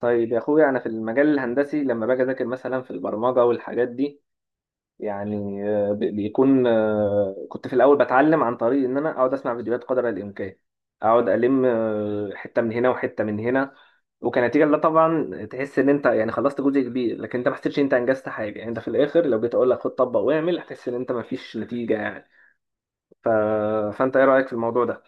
طيب يا اخويا، انا في المجال الهندسي لما باجي اذاكر مثلا في البرمجه والحاجات دي. يعني آه، بي- بيكون آه، كنت في الاول بتعلم عن طريق ان انا اقعد اسمع فيديوهات قدر الامكان. اقعد الم حته من هنا وحته من هنا. وكنتيجه لا طبعا، تحس ان انت يعني خلصت جزء كبير، لكن انت ما حسيتش إن انت انجزت حاجه يعني. انت في الاخر لو جيت اقول لك خد طبق واعمل، هتحس ان انت ما فيش نتيجه يعني. ف... فانت ايه رايك في الموضوع ده؟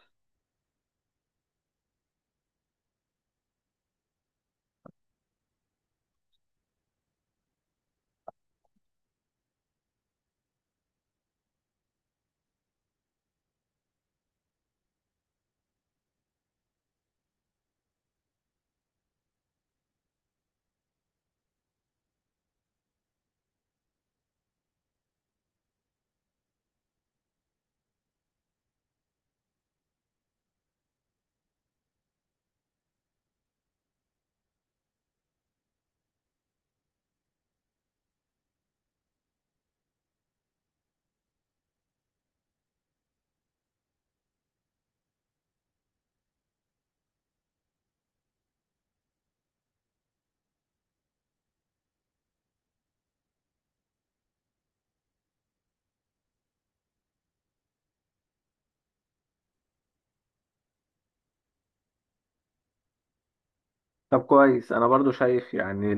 طب كويس. انا برضو شايف يعني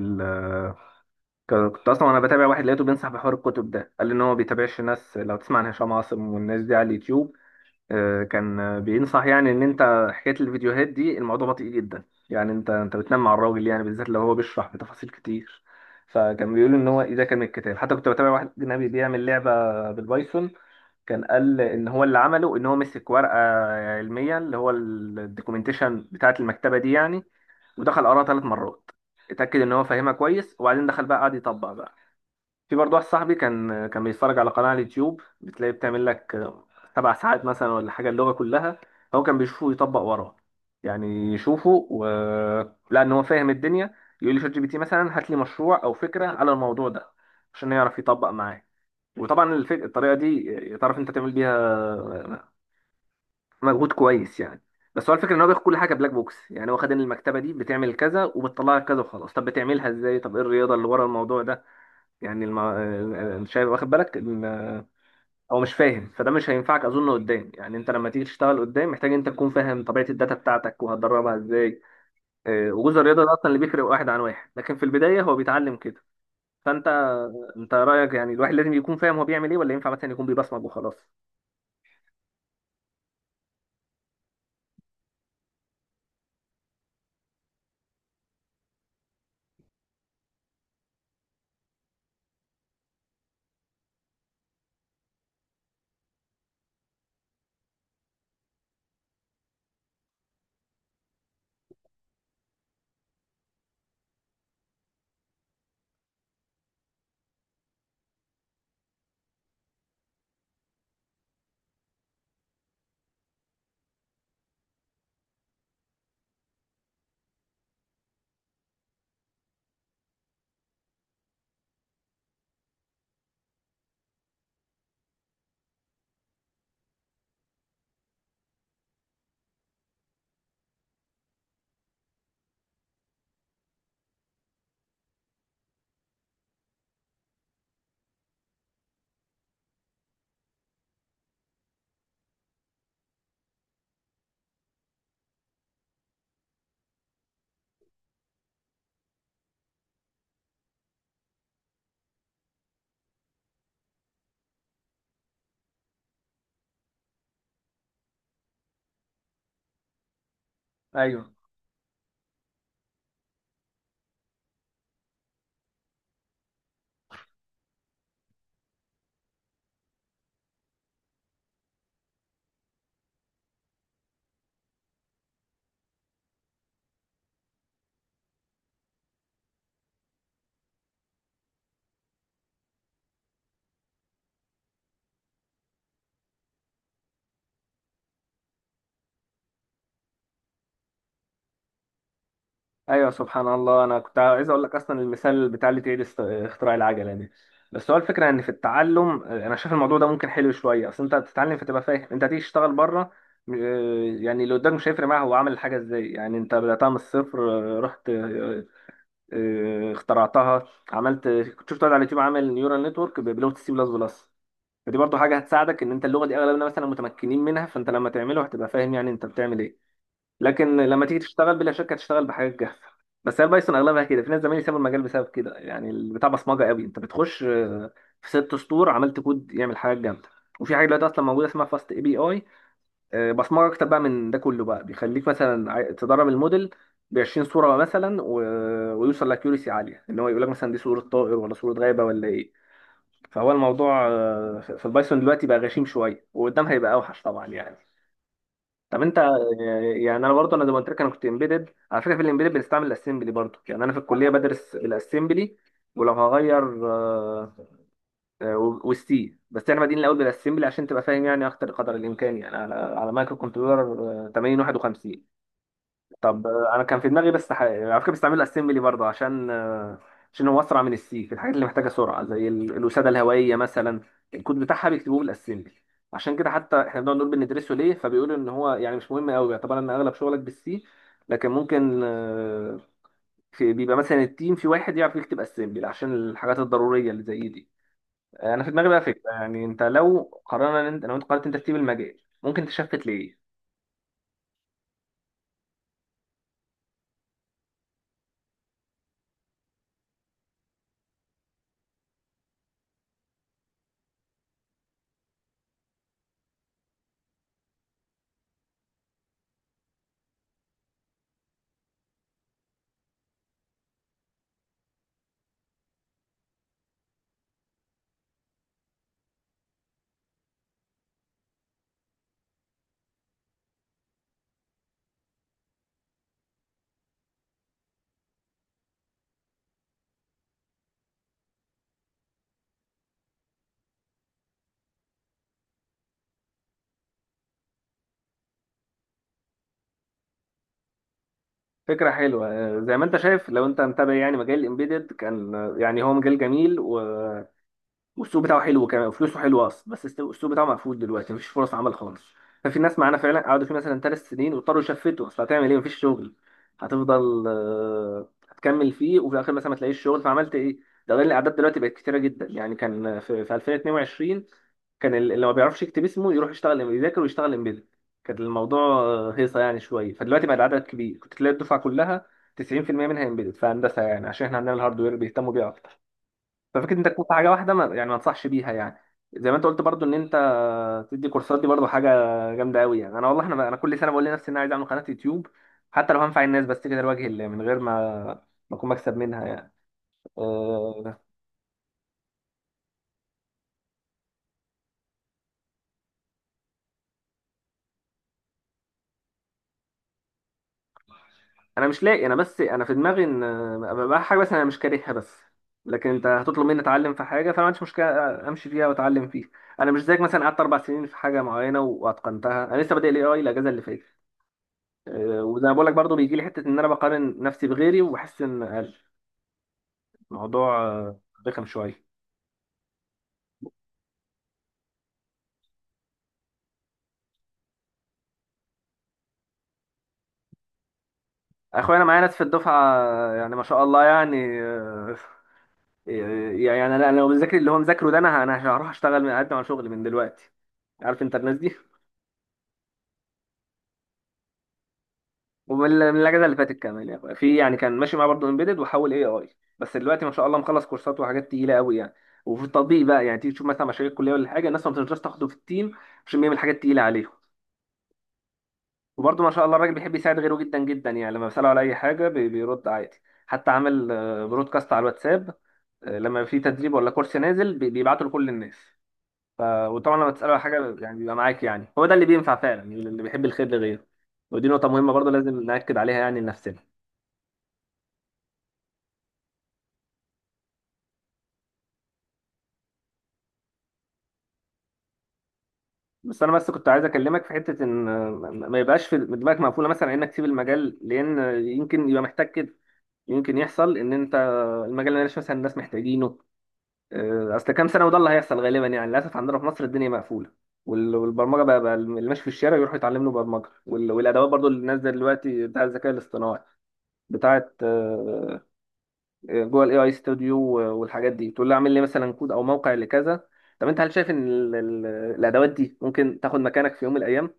كنت اصلا وانا بتابع واحد لقيته بينصح بحوار الكتب ده، قال لي ان هو بيتابعش ناس. لو تسمع عن هشام عاصم والناس دي على اليوتيوب، كان بينصح يعني ان انت حكايه الفيديوهات دي الموضوع بطيء جدا، يعني انت بتنام مع الراجل، يعني بالذات لو هو بيشرح بتفاصيل كتير. فكان بيقول ان هو إيه ده كان من الكتاب. حتى كنت بتابع واحد اجنبي بيعمل لعبه بالبايثون، كان قال ان هو اللي عمله ان هو مسك ورقه علميه اللي هو الدوكيومنتيشن بتاعه المكتبه دي يعني، ودخل قراها 3 مرات، اتاكد ان هو فاهمها كويس وبعدين دخل بقى قعد يطبق بقى. في برضه واحد صاحبي كان بيتفرج على قناة على اليوتيوب بتلاقي بتعمل لك 7 ساعات مثلا ولا حاجة اللغة كلها، هو كان بيشوفه يطبق وراه، يعني لأن هو فاهم الدنيا، يقول لي شات جي بي تي مثلا هات لي مشروع أو فكرة على الموضوع ده عشان يعرف يطبق معاه. وطبعا الطريقة دي تعرف أنت تعمل بيها مجهود كويس يعني. بس هو الفكرة إن هو بياخد كل حاجة بلاك بوكس، يعني هو خد إن المكتبة دي بتعمل كذا وبتطلع لك كذا وخلاص. طب بتعملها إزاي؟ طب إيه الرياضة اللي ورا الموضوع ده؟ يعني مش هيبقى واخد بالك هو مش فاهم، فده مش هينفعك اظن قدام. يعني انت لما تيجي تشتغل قدام محتاج انت تكون فاهم طبيعه الداتا بتاعتك، وهتدربها ازاي. وجزء الرياضه ده اصلا اللي بيفرق واحد عن واحد، لكن في البدايه هو بيتعلم كده. فانت انت رايك يعني الواحد لازم يكون فاهم هو بيعمل ايه، ولا ينفع مثلا يكون بيبصمج وخلاص؟ ايوه، ايوه، سبحان الله. انا كنت عايز اقول لك اصلا المثال بتاع اللي تعيد اختراع العجله دي. بس هو الفكره ان في التعلم انا شايف الموضوع ده ممكن حلو شويه، اصل انت بتتعلم فتبقى فاهم انت هتيجي تشتغل بره. آه، يعني اللي قدامك مش هيفرق معاه هو عمل الحاجه ازاي، يعني انت بداتها من الصفر، آه، رحت آه، آه، اخترعتها. عملت كنت شفت واحد على اليوتيوب عامل نيورال نتورك بلغه السي بلس بلس، فدي برضه حاجه هتساعدك ان انت اللغه دي اغلبنا مثلا متمكنين منها، فانت لما تعمله هتبقى فاهم يعني انت بتعمل ايه. لكن لما تيجي تشتغل بلا شك هتشتغل بحاجات جاهزه. بس هي البايثون اغلبها كده، في ناس زمايلي سابوا المجال بسبب كده يعني. البتاع بصمجه قوي، انت بتخش في 6 سطور عملت كود يعمل حاجه جامده. وفي حاجه دلوقتي اصلا موجوده اسمها فاست اي بي اي، بصمجه اكتر بقى من ده كله، بقى بيخليك مثلا تدرب الموديل ب 20 صوره مثلا ويوصل لاكيوريسي عاليه ان هو يقول لك مثلا دي صوره طائر ولا صوره غابه ولا ايه. فهو الموضوع في البايثون دلوقتي بقى غشيم شويه، وقدام هيبقى اوحش طبعا يعني. طب انت يعني انا برضه، انا زي ما قلت لك انا كنت امبيدد على فكره. في الامبيدد بنستعمل الاسمبلي برضه يعني، انا في الكليه بدرس الاسمبلي. ولو هغير آه، والسي، بس احنا بادئين الاول بالاسمبلي عشان تبقى فاهم يعني اكتر قدر الامكان، يعني على مايكرو كنترولر 8051. طب انا كان في دماغي بس يعني على فكره بستعمله اسمبلي برضه عشان عشان هو اسرع من السي في الحاجات اللي محتاجه سرعه، زي الوساده الهوائيه مثلا، الكود بتاعها بيكتبوه بالاسمبلي. عشان كده حتى احنا بنقعد نقول بندرسه ليه، فبيقولوا ان هو يعني مش مهم قوي، يعتبر ان اغلب شغلك بالسي، لكن ممكن في بيبقى مثلا التيم في واحد يعرف يكتب اسمبلي عشان الحاجات الضروريه اللي زي دي. انا في دماغي بقى فكره، يعني انت لو قررنا إن انت لو انت قررت انت تسيب المجال ممكن تشفت ليه؟ فكرة حلوة. زي ما انت شايف لو انت متابع، يعني مجال الامبيدد كان يعني هو مجال جميل، و والسوق بتاعه حلو كمان وفلوسه حلوه اصلا، بس السوق بتاعه مقفول دلوقتي مفيش فرص عمل خالص. ففي ناس معانا فعلا قعدوا فيه مثلا 3 سنين واضطروا يشفتوا، اصل هتعمل ايه مفيش شغل؟ هتفضل هتكمل فيه وفي الاخر مثلا ما تلاقيش شغل، فعملت ايه؟ ده غير الاعداد دلوقتي بقت كتيره جدا يعني. كان في في 2022 كان اللي ما بيعرفش يكتب اسمه يروح يشتغل يذاكر ويشتغل امبيدد، كان الموضوع هيصه يعني شويه. فدلوقتي بقى العدد كبير، كنت تلاقي الدفعه كلها 90% منها امبيدد في هندسه يعني، عشان احنا عندنا الهاردوير بيهتموا بيه اكتر. ففكره انت تكون في حاجه واحده، ما يعني ما انصحش بيها يعني. زي ما انت قلت برضو ان انت تدي كورسات، دي برضو حاجه جامده قوي يعني. انا والله، انا كل سنه بقول لنفسي ان انا عايز اعمل قناه يوتيوب، حتى لو هنفع الناس بس كده لوجه الله، من غير ما اكون مكسب منها يعني. أه، انا مش لاقي، انا بس انا في دماغي ان أبقى بقى حاجه، بس انا مش كارهها، بس لكن انت هتطلب مني اتعلم في حاجه فانا ما عنديش مشكله امشي فيها واتعلم فيها. انا مش زيك مثلا قعدت 4 سنين في حاجه معينه واتقنتها، انا لسه بادئ الاي اي الاجازه اللي فاتت. وزي ما بقول لك برضه، بيجي لي حته ان انا بقارن نفسي بغيري وبحس ان اقل. الموضوع رخم شويه. اخويا، انا معايا ناس في الدفعه يعني ما شاء الله، يعني يعني انا لو بذاكر اللي هو مذاكره ده، انا هروح اشتغل، من اقدم على شغل من دلوقتي. عارف انت الناس دي. ومن الاجازه اللي فاتت كمان يا اخويا، في يعني كان ماشي معاه برضه امبيدد وحول اي اي، بس دلوقتي ما شاء الله مخلص كورسات وحاجات تقيله قوي يعني. وفي التطبيق بقى يعني، تيجي تشوف مثلا مشاريع الكليه ولا حاجه، الناس ما بتنجمش تاخده في التيم عشان بيعمل حاجات تقيله عليهم. وبرضه ما شاء الله الراجل بيحب يساعد غيره جدا جدا يعني، لما بسأله على أي حاجة بيرد عادي. حتى عامل برودكاست على الواتساب، لما في تدريب ولا كورس نازل بيبعته لكل الناس. وطبعا لما تسأله على حاجة يعني بيبقى معاك، يعني هو ده اللي بينفع فعلا يعني، اللي بيحب الخير لغيره. ودي نقطة مهمة برضه لازم نأكد عليها يعني لنفسنا. بس أنا، بس كنت عايز أكلمك في حتة إن ما يبقاش في دماغك مقفولة مثلا إنك تسيب المجال، لأن يمكن يبقى محتاج كده، يمكن يحصل إن أنت المجال اللي مثلا الناس محتاجينه اصل كام سنه، وده اللي هيحصل غالبا يعني. للاسف عندنا في مصر الدنيا مقفوله، والبرمجه بقى، بقى اللي ماشي في الشارع يروح يتعلم له برمجه. والادوات برضو اللي نازله دلوقتي بتاع الذكاء الاصطناعي بتاعه جوه الاي اي ستوديو والحاجات دي، تقول له اعمل لي مثلا كود او موقع لكذا. طب انت هل شايف ان الادوات دي ممكن تاخد مكانك في يوم من الايام؟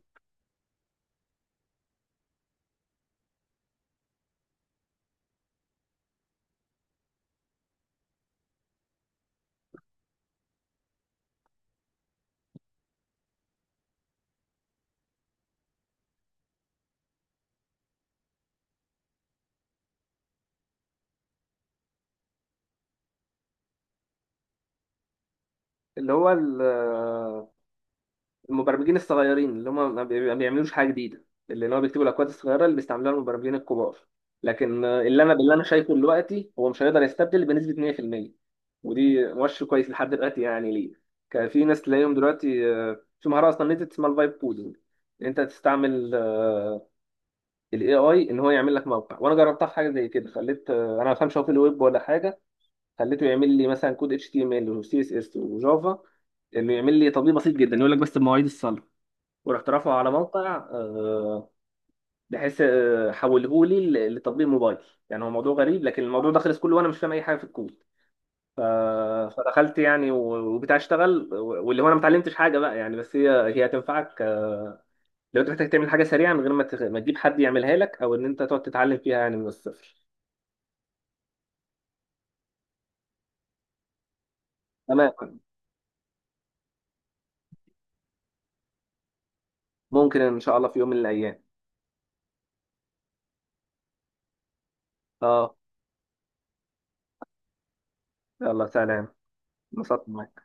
اللي هو المبرمجين الصغيرين، اللي هم ما بيعملوش حاجه جديده، اللي هو بيكتبوا الاكواد الصغيره اللي بيستعملوها المبرمجين الكبار. لكن اللي انا، انا شايفه دلوقتي هو مش هيقدر يستبدل بنسبه 100%. ودي مؤشر كويس لحد دلوقتي يعني. ليه؟ كان في ناس تلاقيهم دلوقتي في مهاره اصلا نزلت اسمها الفايب كودنج. انت تستعمل الاي اي ان هو يعمل لك موقع، وانا جربتها في حاجه زي كده، خليت انا ما بفهمش هو في الويب ولا حاجه، خليته يعمل لي مثلا كود اتش تي ام ال وسي اس اس وجافا، انه يعمل لي تطبيق بسيط جدا يقول لك بس بمواعيد الصلاه، ورحت رافعه على موقع بحيث حوله لي لتطبيق موبايل. يعني هو موضوع غريب، لكن الموضوع ده خلص كله وانا مش فاهم اي حاجه في الكود. ف- فدخلت يعني، وبتاع اشتغل، واللي هو انا ما اتعلمتش حاجه بقى يعني، بس هي هتنفعك لو انت محتاج تعمل حاجه سريعه من غير ما ما تجيب حد يعملها لك، او ان انت تقعد تتعلم فيها يعني من الصفر. تمام. ممكن ان شاء الله في يوم من الايام. اه. يلا سلام. انبسطت معاك.